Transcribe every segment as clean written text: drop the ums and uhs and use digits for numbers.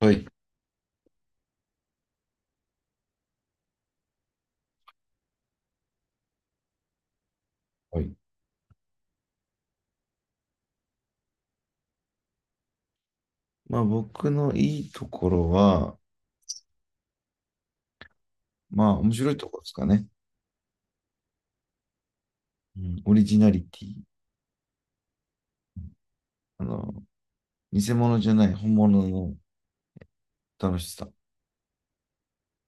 はい。はい。まあ僕のいいところは、まあ面白いところですかね。うん、オリジナリティ。あの、偽物じゃない本物の楽しさ。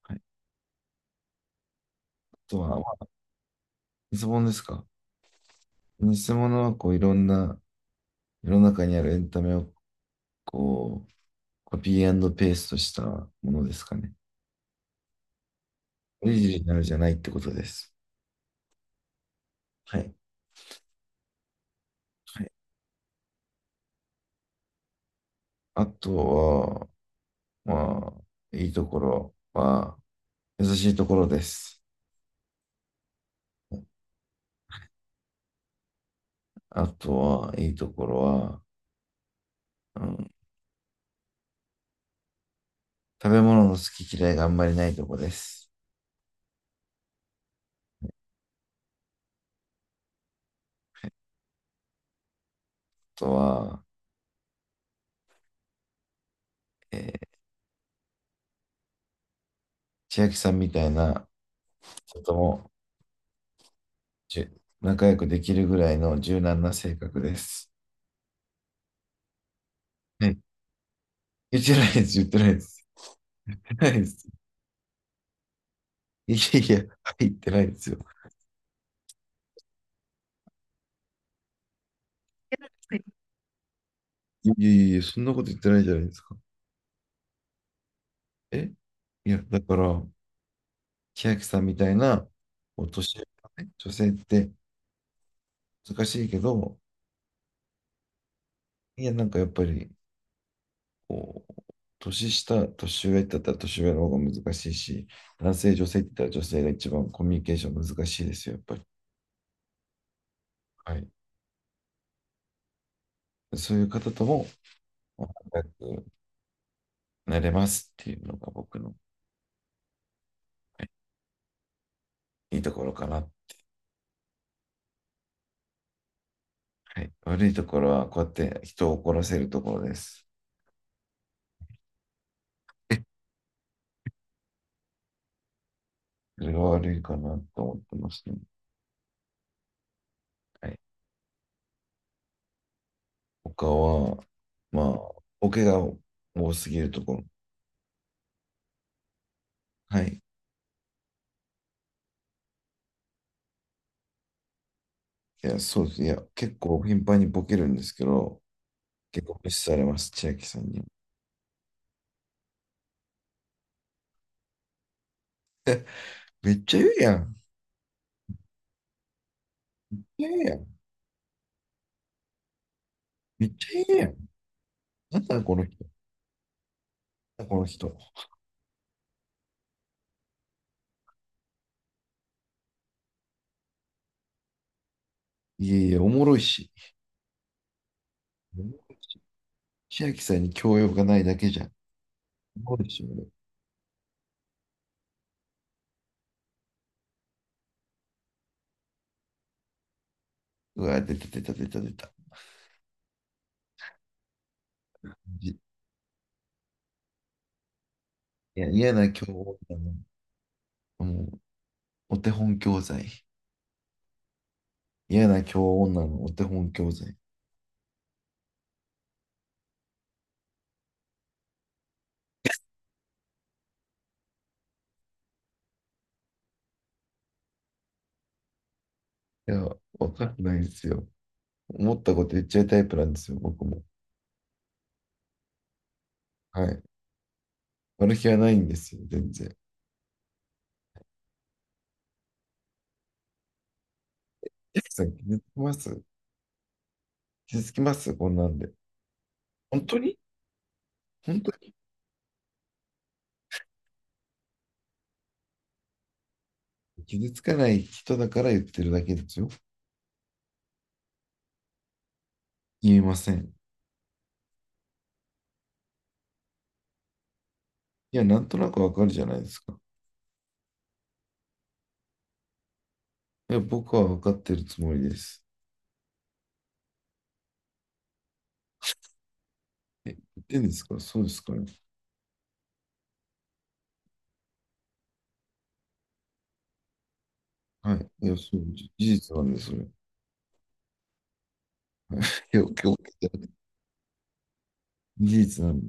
はい。あとは、まあ偽物ですか。偽物はいろんな世の中にあるエンタメをこうコピーペーストしたものですかね。オリジナルじゃないってことです。はい。はい。あとは、まあ、いいところは優しいところです。あとは、いいところは、うん、食べ物の好き嫌いがあんまりないとこです。あとは、えー千秋さんみたいな人とも仲良くできるぐらいの柔軟な性格です。はい。言ってないです、言ってないです。言ってないです。いやいや、はい言ってないですよ。いやいやいや、そんなこと言ってないじゃないですか。え、いや、だから、千秋さんみたいなお年寄りのね、女性って難しいけど、いや、なんかやっぱり、こう、年下、年上だったら年上の方が難しいし、男性、女性って言ったら女性が一番コミュニケーション難しいですよ、やっぱり。はい。そういう方とも、ま仲良くなれますっていうのが僕の、はい、いいところかな。はい。悪いところは、こうやって人を怒らせるところです。それが悪いかなと思ってますね。はい。他は、まあ、ボケが多すぎるところ。はい。いや、そうです。いや、結構頻繁にボケるんですけど、結構無視されます、千秋さんに。めっちゃ言うやん。めっちゃ言うやん。めっちゃ言うやん。なんだこの人。なんだこの人。いやいや、おもろいし。おもろいし、千秋さんに教養がないだけじゃん。おもろいし、俺、うわ、出た出た出た出た。じいや、嫌な教女の、もう、お手本教材。嫌な教女のお手本教材。いや、わかんないですよ。思ったこと言っちゃうタイプなんですよ、僕も。はい。悪気はないんですよ、全然。千秋さん、気づきます？気づきますこんなんで。本当に？本当に傷つかない人だから言ってるだけですよ。言えません。いや、なんとなくわかるじゃないですか。いや、僕はわかってるつもりです。言ってんですからそうですから。はい。いや、そう、事実なんです、それ。はい、いや、今日、事実なんで。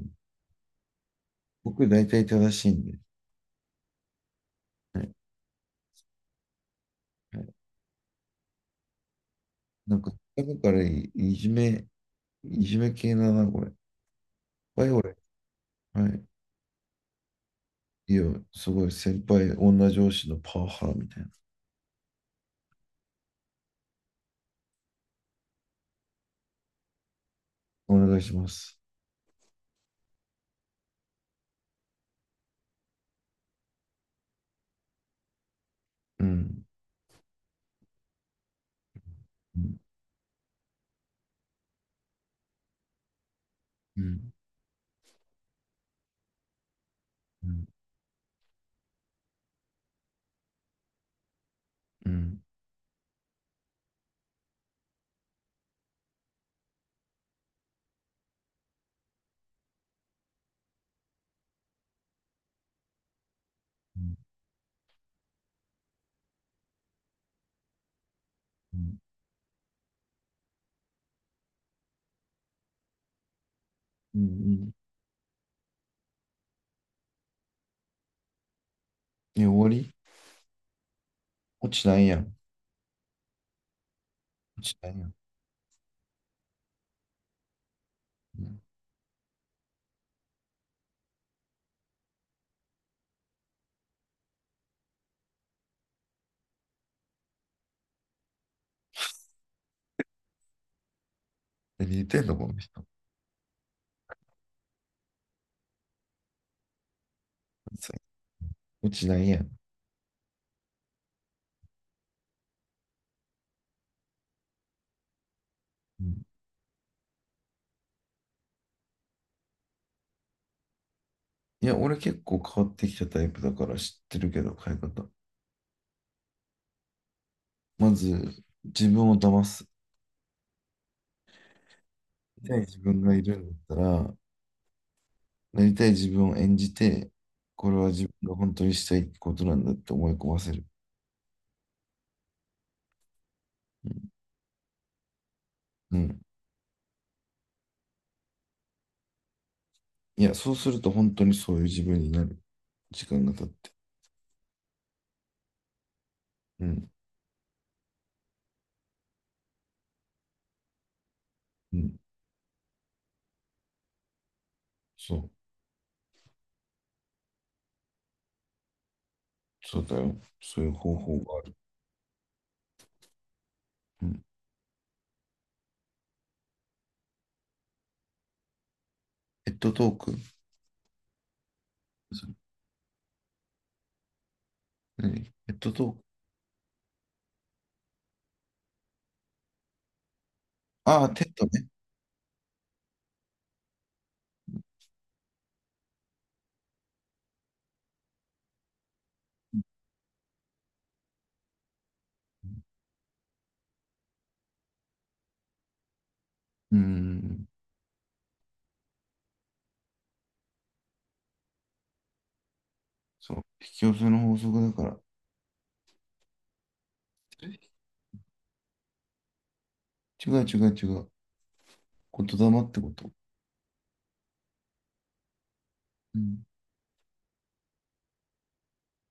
僕、大体正しいんで。はい。はい、なんか、だからいじめ系だな、これ。はい、俺。はい。いや、すごい、先輩、女上司のパワハラみたいな。お願いします。うん。うん。うん。うんうん。うんうんうんうん。え、終わり？落ちないやん。落ちないやん。うん。何言ってんの、この人。落ちないやん。うん、いや、俺結構変わってきたタイプだから知ってるけど、変え方。まず、自分を騙す。なりたい自分がいるんだったら、なりたい自分を演じて、これは自分が本当にしたいことなんだって思い込ませる。うん。うん、いや、そうすると本当にそういう自分になる。時間が経って。うん。うん。そう。そうだよ。そういう方法がある。うん。ペットトーク。そ、何ペットトーク。ああ、テッドね。うん。そう。引き寄せの法則だから。違う違う違う。言霊ってこと。うん。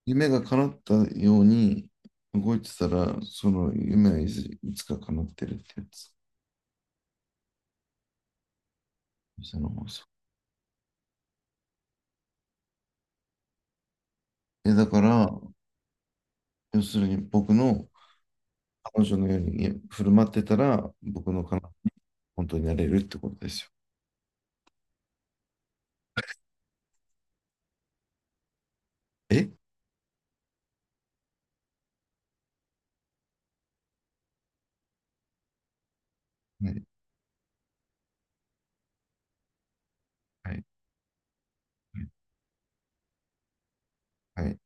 夢が叶ったように動いてたら、その夢はいつか叶ってるってやつ。その法則。え、だから、要するに僕の彼女のように振る舞ってたら、僕の彼女、本当になれるってことですよ。え、はい。はい。はい。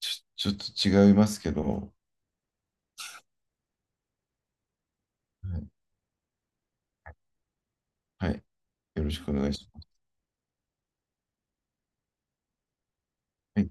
ちょっと違いますけど、はい、はい、よろしくお願いします。はい